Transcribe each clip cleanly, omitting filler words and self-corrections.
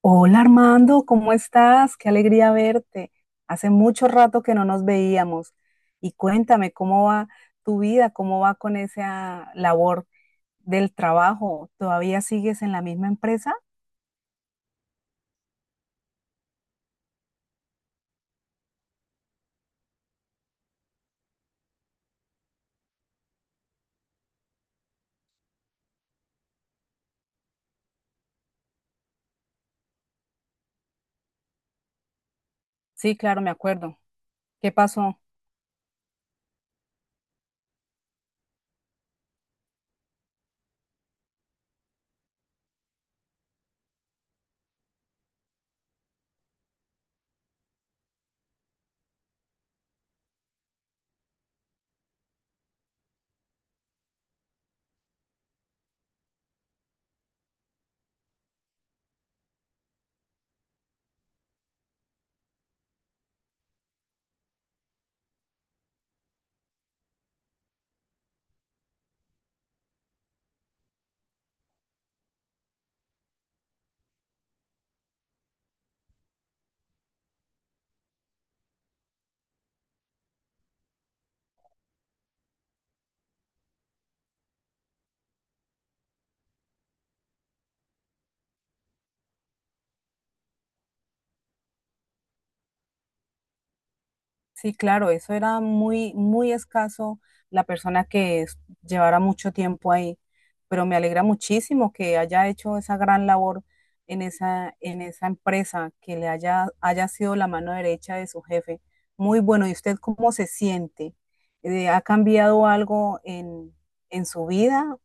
Hola Armando, ¿cómo estás? Qué alegría verte. Hace mucho rato que no nos veíamos. Y cuéntame, ¿cómo va tu vida? ¿Cómo va con esa labor del trabajo? ¿Todavía sigues en la misma empresa? Sí, claro, me acuerdo. ¿Qué pasó? Sí, claro, eso era muy, muy escaso la persona que llevara mucho tiempo ahí, pero me alegra muchísimo que haya hecho esa gran labor en esa empresa, que le haya sido la mano derecha de su jefe. Muy bueno, ¿y usted cómo se siente? ¿Ha cambiado algo en su vida?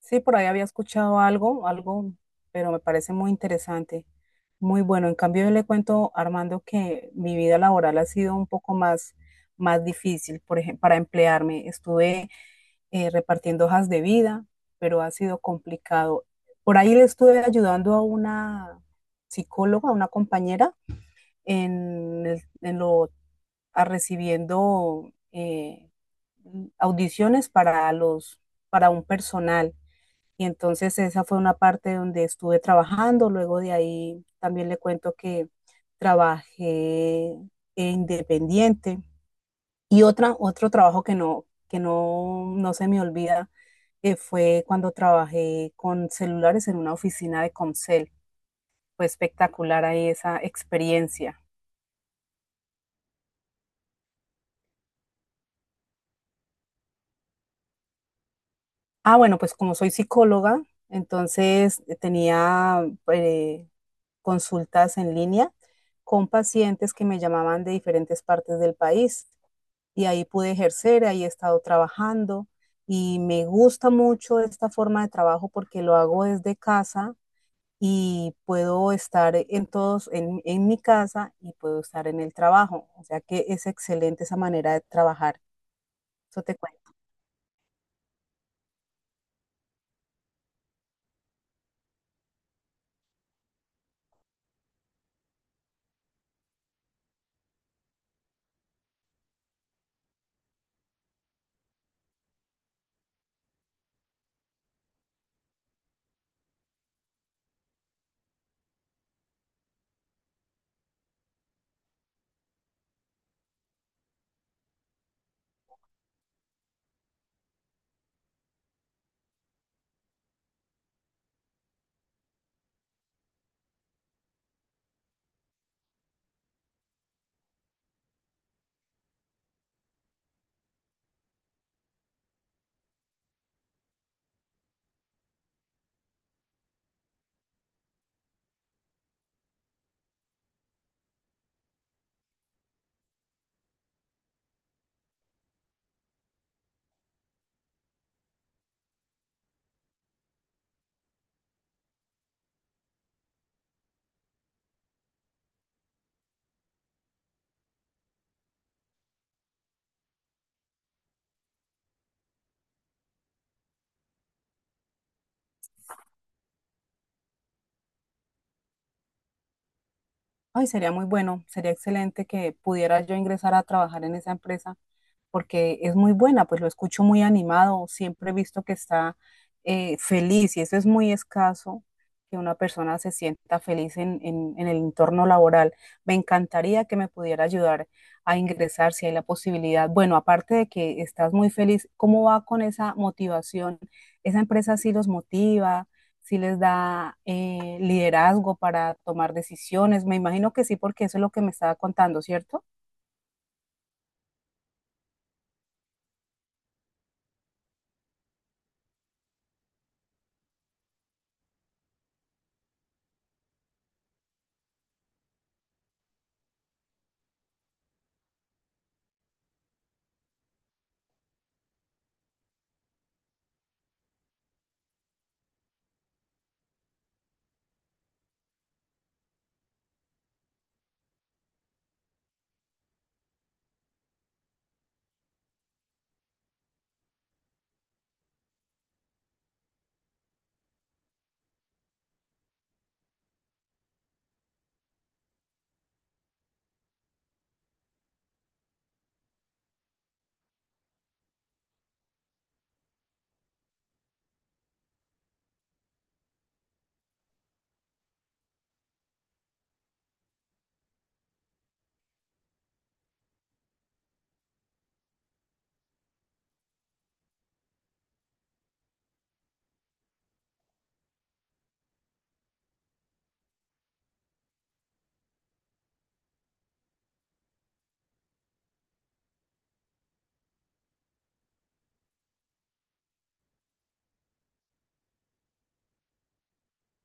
Sí, por ahí había escuchado algo, pero me parece muy interesante, muy bueno. En cambio, yo le cuento, Armando, que mi vida laboral ha sido un poco más difícil. Por ejemplo, para emplearme estuve repartiendo hojas de vida, pero ha sido complicado. Por ahí le estuve ayudando a una psicóloga, a una compañera, en, el- en lo, a recibiendo audiciones para un personal y entonces esa fue una parte donde estuve trabajando. Luego de ahí también le cuento que trabajé independiente. Y otro trabajo que no, no se me olvida fue cuando trabajé con celulares en una oficina de Comcel. Fue espectacular ahí esa experiencia. Ah, bueno, pues como soy psicóloga, entonces tenía eh, consultas en línea con pacientes que me llamaban de diferentes partes del país y ahí pude ejercer, ahí he estado trabajando y me gusta mucho esta forma de trabajo porque lo hago desde casa y puedo estar en mi casa y puedo estar en el trabajo. O sea que es excelente esa manera de trabajar. Eso te cuento. Ay, sería muy bueno, sería excelente que pudiera yo ingresar a trabajar en esa empresa porque es muy buena, pues lo escucho muy animado, siempre he visto que está feliz y eso es muy escaso, que una persona se sienta feliz en el entorno laboral. Me encantaría que me pudiera ayudar a ingresar si hay la posibilidad. Bueno, aparte de que estás muy feliz, ¿cómo va con esa motivación? ¿Esa empresa sí los motiva? Sí, les da liderazgo para tomar decisiones, me imagino que sí, porque eso es lo que me estaba contando, ¿cierto?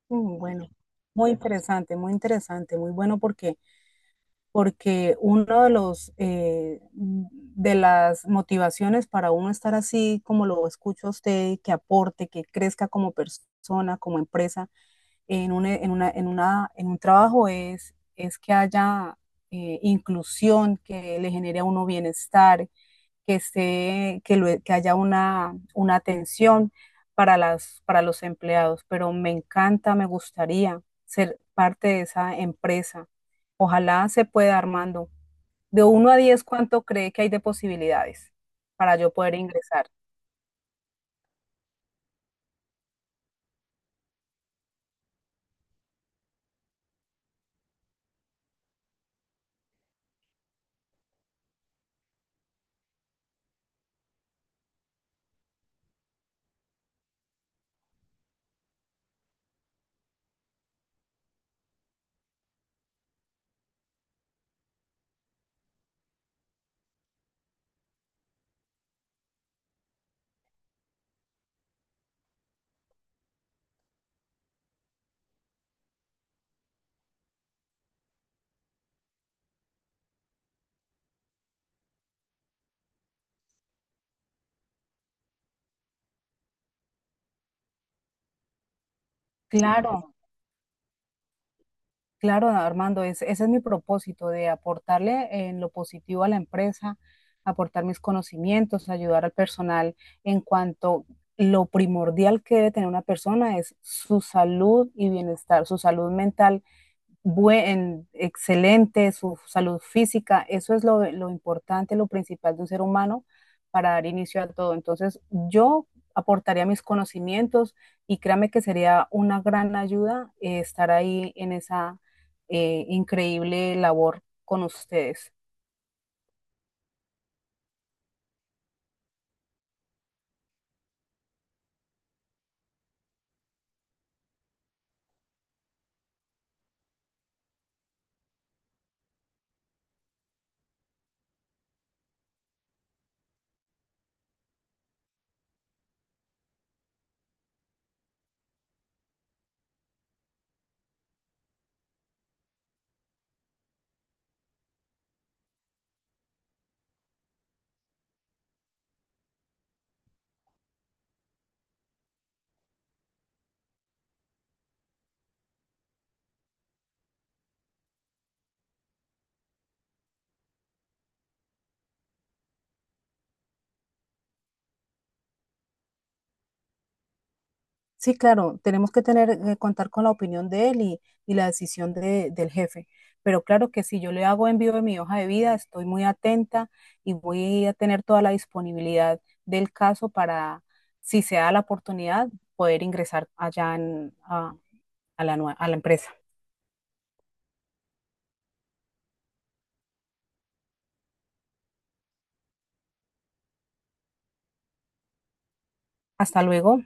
Bueno, muy interesante, muy interesante, muy bueno porque uno de los de las motivaciones para uno estar así como lo escucho a usted, que aporte, que crezca como persona, como empresa, en un, en una, en una, en un trabajo es que haya inclusión, que le genere a uno bienestar, que, esté, que, lo- que haya una atención para los empleados, pero me encanta, me gustaría ser parte de esa empresa. Ojalá se pueda, Armando. De 1 a 10, ¿cuánto cree que hay de posibilidades para yo poder ingresar? Claro, claro, Armando, ese es mi propósito, de aportarle en lo positivo a la empresa, aportar mis conocimientos, ayudar al personal en cuanto lo primordial que debe tener una persona es su salud y bienestar, su salud mental excelente, su salud física, eso es lo importante, lo principal de un ser humano para dar inicio a todo. Entonces, yo aportaría mis conocimientos y créame que sería una gran ayuda estar ahí en esa increíble labor con ustedes. Sí, claro, tenemos que contar con la opinión de él y la decisión del jefe. Pero claro que si yo le hago envío de mi hoja de vida, estoy muy atenta y voy a tener toda la disponibilidad del caso para, si se da la oportunidad, poder ingresar allá en- a la, nue- a la empresa. Hasta luego.